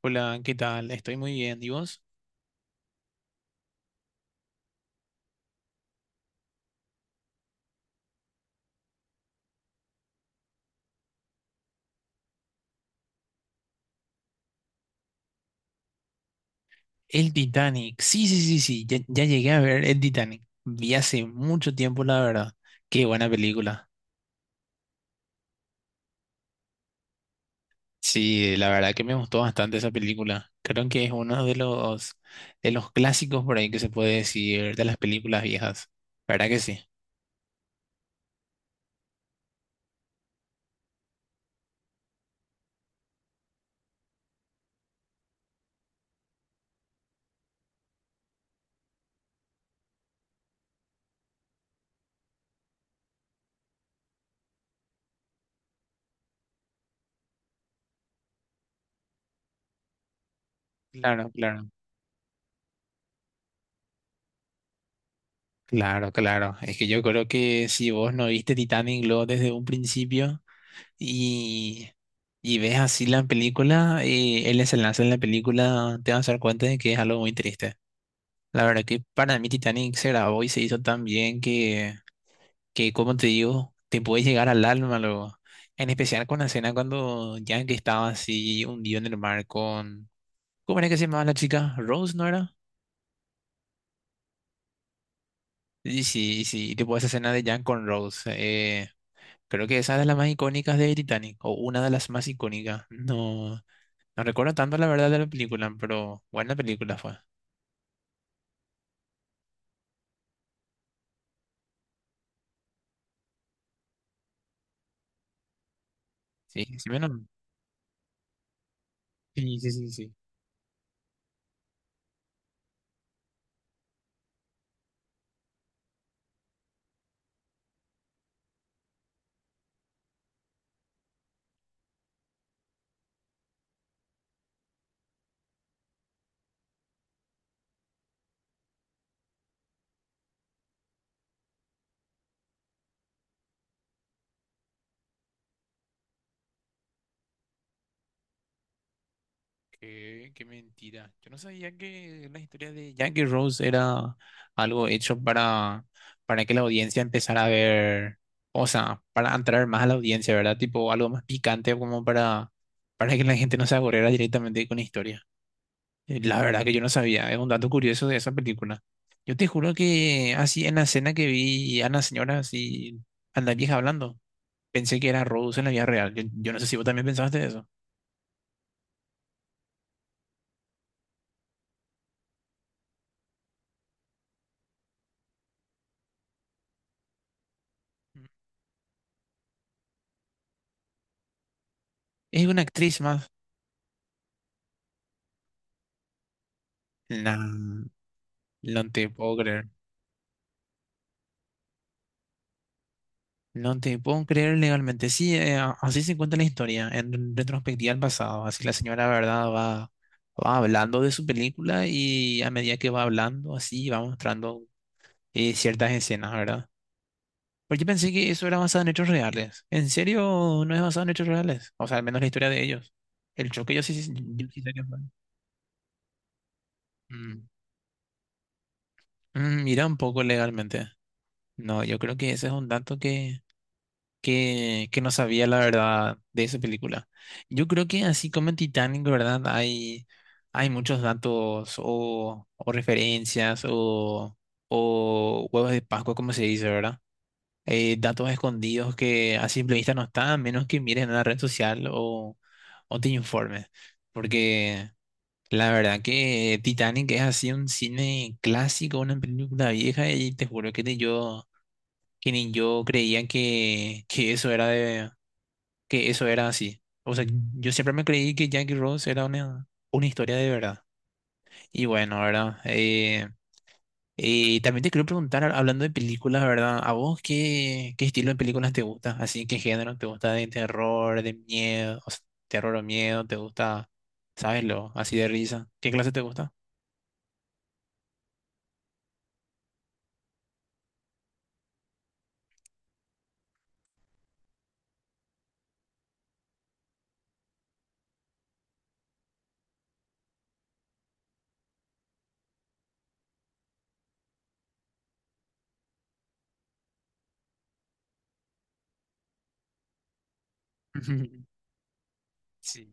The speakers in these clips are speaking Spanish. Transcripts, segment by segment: Hola, ¿qué tal? Estoy muy bien. ¿Y vos? El Titanic. Sí, sí, sí, sí. Ya, ya llegué a ver el Titanic. Vi hace mucho tiempo, la verdad. Qué buena película. Sí, la verdad que me gustó bastante esa película. Creo que es uno de los clásicos por ahí que se puede decir de las películas viejas. ¿Verdad que sí? Claro, claro. Claro, claro. Es que yo creo que si vos no viste Titanic luego desde un principio, y, y ves así la película y el desenlace en la película, te vas a dar cuenta de que es algo muy triste. La verdad que para mí Titanic se grabó y se hizo tan bien que como te digo, te puede llegar al alma luego. En especial con la escena cuando Jack estaba así hundido en el mar con... ¿Cómo era que se llamaba la chica? ¿Rose, no era? Y sí, y sí, y tipo esa escena de Jack con Rose. Creo que esa es de las más icónicas de Titanic, o una de las más icónicas. No, no recuerdo tanto la verdad de la película, pero buena película fue. Sí, sí, menos. Sí, sí, sí, sí. Qué mentira. Yo no sabía que la historia de Jackie Rose era algo hecho para que la audiencia empezara a ver, o sea, para entrar más a la audiencia, ¿verdad? Tipo algo más picante como para que la gente no se aburriera directamente con la historia. La verdad que yo no sabía, es un dato curioso de esa película. Yo te juro que así en la escena que vi a la señora así, a la vieja hablando. Pensé que era Rose en la vida real. Yo no sé si vos también pensaste eso. Es una actriz más. No, no te puedo creer. No te puedo creer legalmente. Sí, así se cuenta la historia, en retrospectiva al pasado. Así la señora, ¿verdad? Va hablando de su película y a medida que va hablando, así va mostrando ciertas escenas, ¿verdad? Porque pensé que eso era basado en hechos reales. ¿En serio no es basado en hechos reales? O sea, al menos la historia de ellos. El choque yo sí sé que fue. Mm. Mm, mira un poco legalmente. No, yo creo que ese es un dato que no sabía la verdad de esa película. Yo creo que así como en Titanic, ¿verdad? Hay muchos datos o referencias o huevos de Pascua, como se dice, ¿verdad? Datos escondidos que a simple vista no están, a menos que mires en la red social o te informes. Porque la verdad que Titanic es así un cine clásico, una película vieja y te juro que yo que ni yo creían que eso era de, que eso era así. O sea, yo siempre me creí que Jackie Rose era una historia de verdad. Y bueno, ¿verdad? También te quiero preguntar, hablando de películas, ¿verdad? ¿A vos qué estilo de películas te gusta? Así, ¿qué género te gusta de terror, de miedo? O sea, terror o miedo, ¿te gusta, sabes lo, así de risa? ¿Qué clase te gusta? Ujú, sí.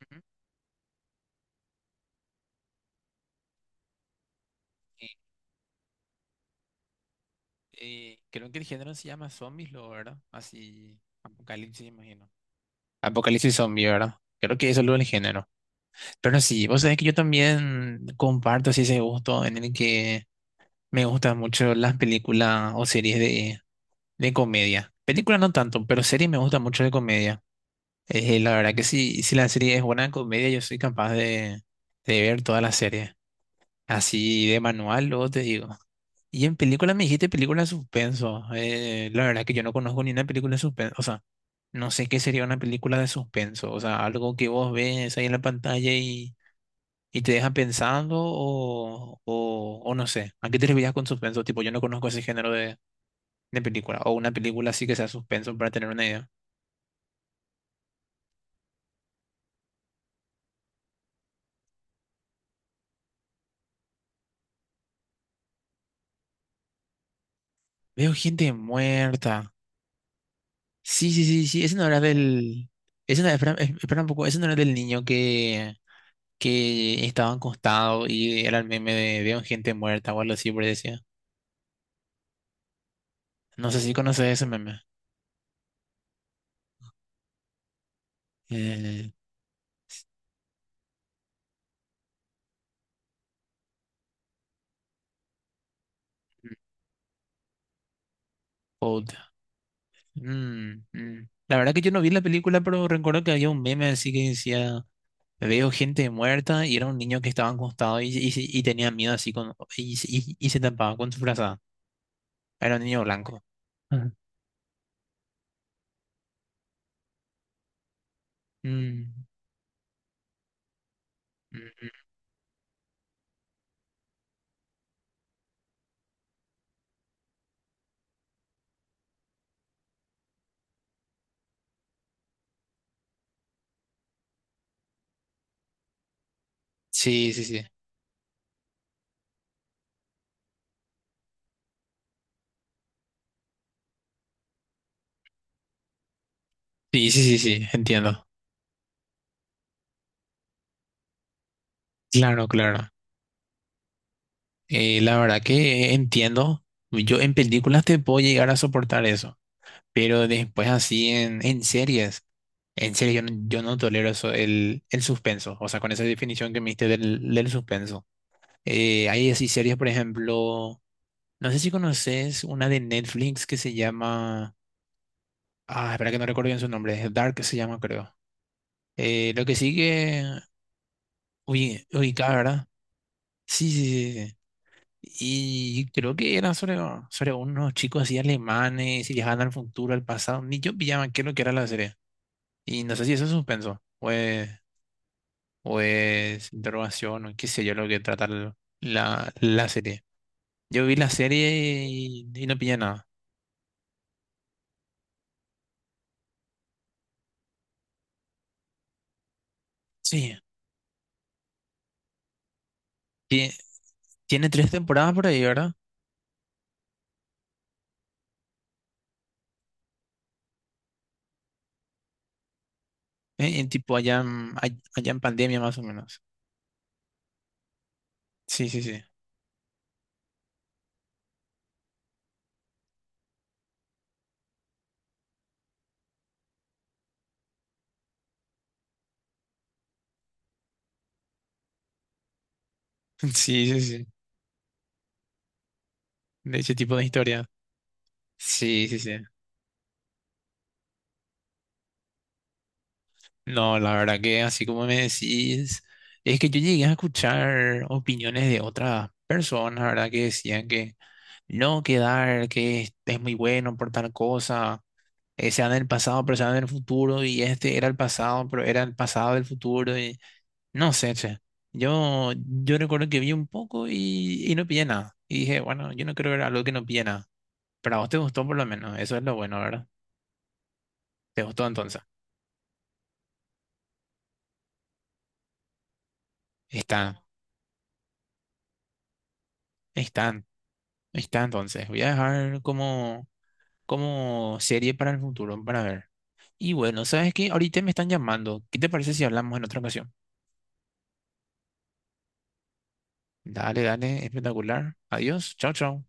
Ujú. Eh, creo que el género se llama zombies, lo, ¿verdad? Así, apocalipsis, imagino. Apocalipsis zombie, ¿verdad? Creo que eso es lo del género. Pero sí, vos sabés que yo también comparto así ese gusto en el que me gustan mucho las películas o series de comedia. Películas no tanto, pero series me gustan mucho de comedia. La verdad que sí, si la serie es buena de comedia, yo soy capaz de ver toda la serie. Así de manual, luego te digo. Y en películas me dijiste película de suspenso. La verdad que yo no conozco ni una película de suspenso. O sea, no sé qué sería una película de suspenso. O sea, algo que vos ves ahí en la pantalla y te deja pensando o no sé. ¿A qué te referías con suspenso? Tipo, yo no conozco ese género de película. O una película así que sea suspenso para tener una idea. Veo gente muerta. Sí, sí, sí, sí. Ese no era del... Ese no, espera, espera un poco. Ese no era del niño que estaban acostados y era el meme de veo gente muerta o algo así, por decía. No sé si conoces ese meme. Eh, Old. Mm, mm. La verdad que yo no vi la película, pero recuerdo que había un meme así que decía, veo gente muerta y era un niño que estaba acostado y tenía miedo así con, y se tapaba con su frazada. Era un niño blanco. Ajá. Mm, mm, mm. Sí, sí, sí. Sí, sí, sí, sí, entiendo. Claro, claro. La verdad que entiendo. Yo en películas te puedo llegar a soportar eso, pero después así en series yo no tolero eso, el suspenso, o sea, con esa definición que me diste del suspenso. Hay así series, por ejemplo, no sé si conoces una de Netflix que se llama, ah, espera que no recuerdo bien su nombre, es Dark se llama creo. Lo que sigue, uy, ubicada, ¿verdad? Sí, sí, sí, sí, sí. Y creo que eran sobre unos chicos así alemanes y viajaban al futuro, al pasado. Ni yo pillaba qué es lo que era la serie. Y no sé si eso es suspenso o es interrogación o qué sé yo lo que trata la serie. Yo vi la serie y no pillé nada. Sí, tie- tiene tres temporadas por ahí, ¿verdad? En tipo allá, allá en pandemia más o menos. Sí, sí, sí. Sí, sí, sí. De ese tipo de historia. Sí, sí, sí. No, la verdad que así como me decís, es que yo llegué a escuchar opiniones de otras personas, ¿verdad? Que decían que no, que Dark que es muy bueno por tal cosa, sea en el pasado, pero sea en el futuro, y este era el pasado, pero era el pasado del futuro, y no sé, che. Yo recuerdo que vi un poco y no pillé nada. Y dije, bueno, yo no creo que era algo que no pillé nada. Pero a vos te gustó por lo menos, eso es lo bueno, ¿verdad? ¿Te gustó entonces? Está, está. Ahí está, entonces. Voy a dejar como serie para el futuro, para ver. Y bueno, ¿sabes qué? Ahorita me están llamando. ¿Qué te parece si hablamos en otra ocasión? Dale, dale, espectacular. Adiós, chao, chao.